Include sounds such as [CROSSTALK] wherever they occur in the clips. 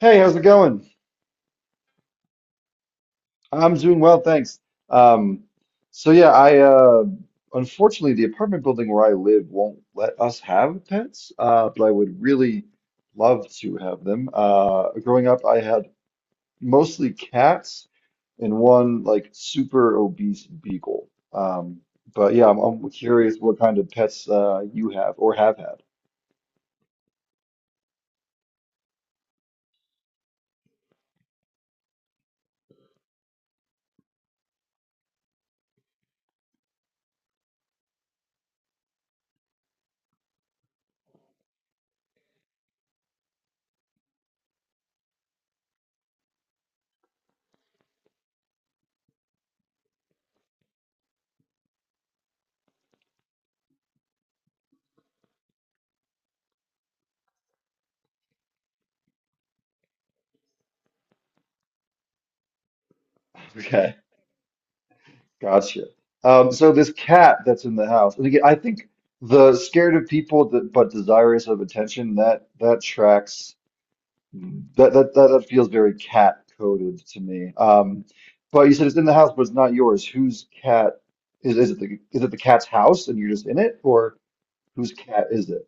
Hey, how's it going? I'm doing well, thanks. Um, so yeah, I Unfortunately, the apartment building where I live won't let us have pets, but I would really love to have them. Growing up, I had mostly cats and one like super obese beagle. But yeah, I'm curious what kind of pets you have or have had. [LAUGHS] Gotcha. So this cat that's in the house, and again, I think the scared of people, but desirous of attention, that tracks that feels very cat coded to me. But you said it's in the house, but it's not yours. Whose cat is it the cat's house and you're just in it, or whose cat is it?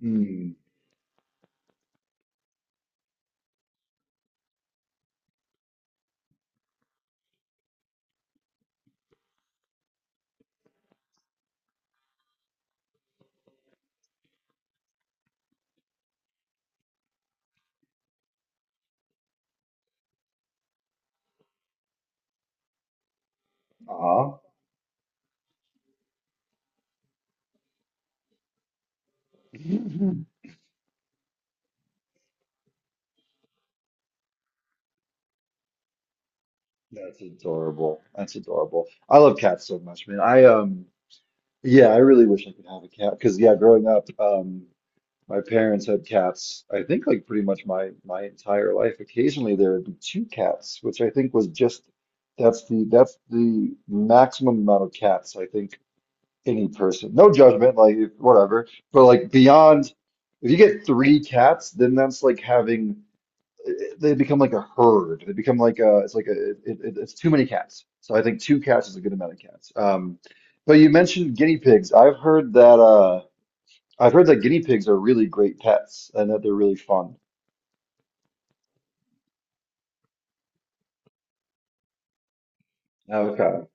Hmm. Aw. [LAUGHS] That's adorable. That's adorable. I love cats so much, man. I Yeah, I really wish I could have a cat because yeah, growing up, my parents had cats, I think like pretty much my entire life. Occasionally there would be two cats, which I think was just that's the maximum amount of cats, I think, any person. No judgment, like whatever. But like beyond if you get three cats, then that's like having they become like a herd. They become like a it's like a it, it, it's too many cats. So I think two cats is a good amount of cats. But you mentioned guinea pigs. I've heard that guinea pigs are really great pets and that they're really fun. Okay.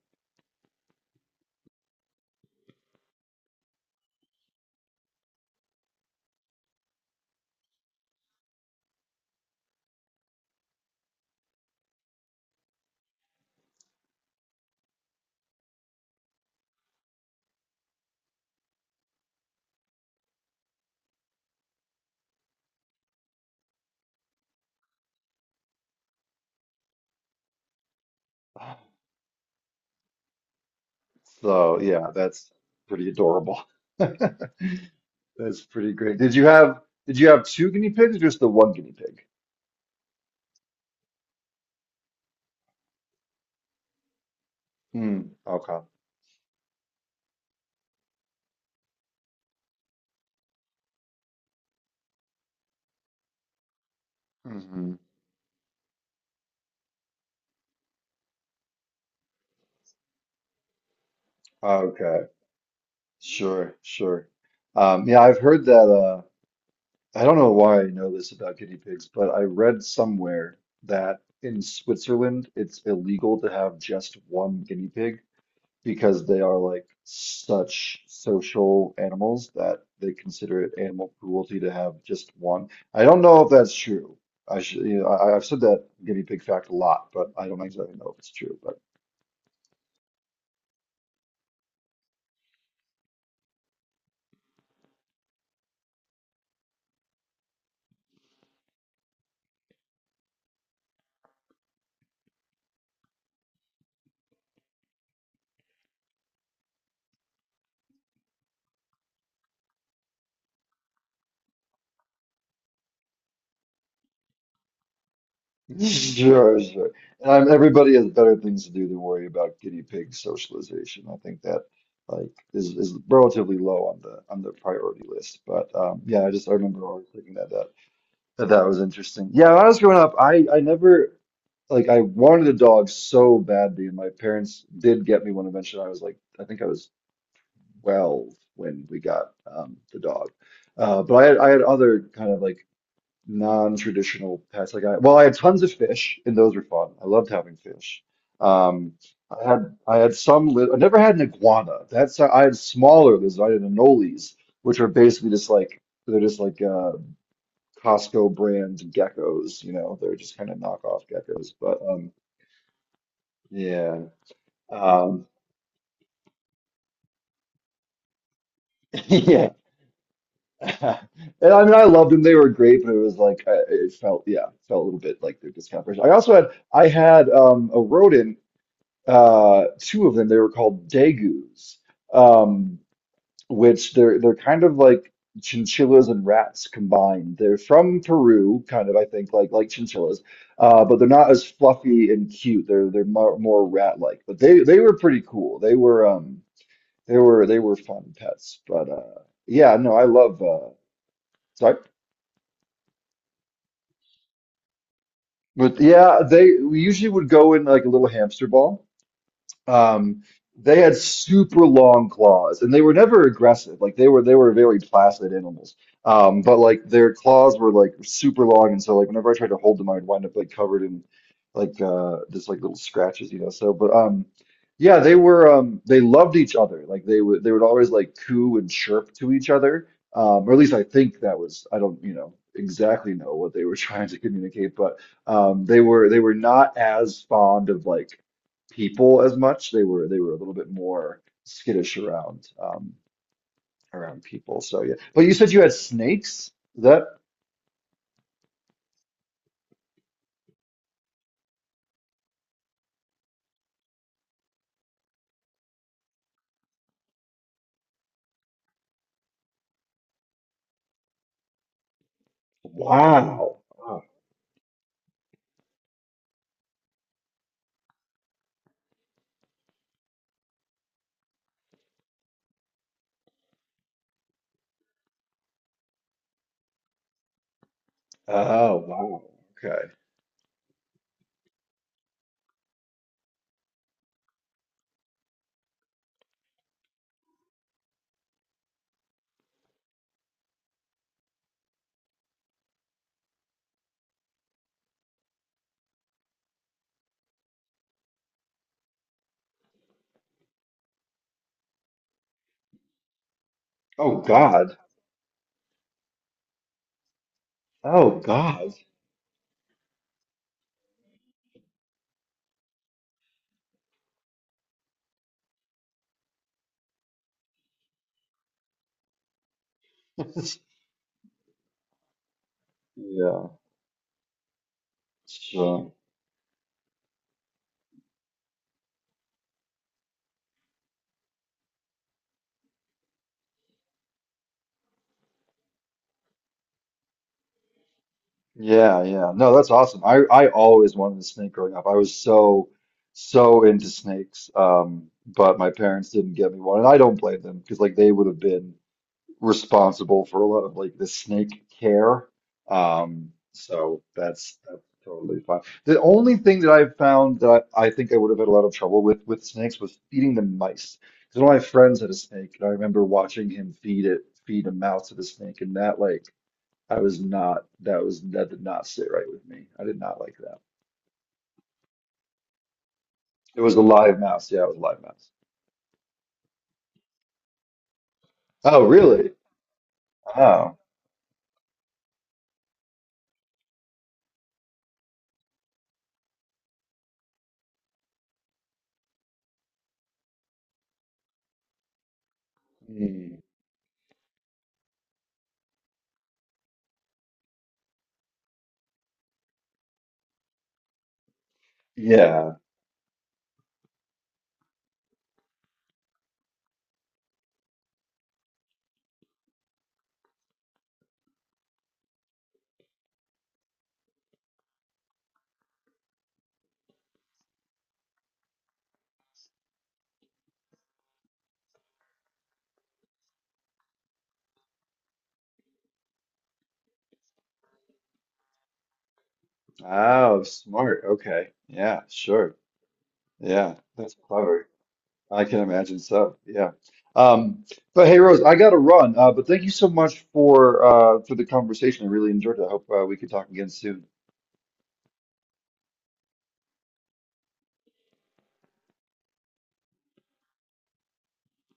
So yeah, that's pretty adorable. [LAUGHS] That's pretty great. Did you have two guinea pigs or just the one guinea pig? Hmm. Okay. Hmm. Okay. Sure. Sure. Yeah, I've heard that. I don't know why I know this about guinea pigs, but I read somewhere that in Switzerland it's illegal to have just one guinea pig, because they are like such social animals that they consider it animal cruelty to have just one. I don't know if that's true. I should, I've said that guinea pig fact a lot, but I don't exactly know if it's true. But [LAUGHS] sure, sure. Everybody has better things to do than worry about guinea pig socialization. I think that is relatively low on the priority list. But yeah, I just I remember always thinking that that was interesting. Yeah, when I was growing up, I never I wanted a dog so badly, and my parents did get me one eventually. I was like, I think I was 12 when we got the dog. But I had other kind of like non-traditional pets. I had tons of fish, and those were fun. I loved having fish. Um, I had some. Li I never had an iguana. That's I had smaller lizards. I had anoles, which are basically just like they're just like uh Costco brand geckos, you know, they're just kind of knockoff geckos. But Yeah. Um, [LAUGHS] yeah. [LAUGHS] And I mean I loved them. They were great, but it was like it felt, yeah, it felt a little bit like their discount version. I also had a rodent, uh, two of them. They were called Daegus. Um, which they're kind of like chinchillas and rats combined. They're from Peru, kind of, I think, like chinchillas, but they're not as fluffy and cute. They're more, more rat-like. But they were pretty cool. They were fun pets. But yeah, no, I love Sorry. But yeah, they, we usually would go in like a little hamster ball. Um, they had super long claws, and they were never aggressive. They were very placid animals. But like their claws were like super long, and so like whenever I tried to hold them, I'd wind up like covered in just like little scratches, you know. So, but Yeah, they loved each other. Like they would always like coo and chirp to each other. Or at least I think that was, I don't exactly know what they were [LAUGHS] trying to communicate, but um, they were not as fond of like people as much. They were a little bit more skittish around around people. So yeah. But you said you had snakes? Is that wow. Oh, oh, wow. Okay. Oh God. Oh God. [LAUGHS] Yeah. So yeah, yeah. No, that's awesome. I always wanted a snake growing up. I was so So into snakes. But my parents didn't get me one, and I don't blame them because like they would have been responsible for a lot of like the snake care. So that's totally fine. The only thing that I've found that I think I would have had a lot of trouble with snakes, was feeding them mice. Because one of my friends had a snake, and I remember watching him feed it, feed a mouse to the snake, and that like I was not that was, that did not sit right with me. I did not like that. It was a live mouse. Yeah, it was a live mouse. Oh, really? Oh, hmm. Yeah. Oh, smart. Okay. Yeah, sure. Yeah, that's clever. I can imagine so. Yeah. Um, but hey, Rose, I gotta run. But thank you so much for the conversation. I really enjoyed it. I hope we could talk again soon.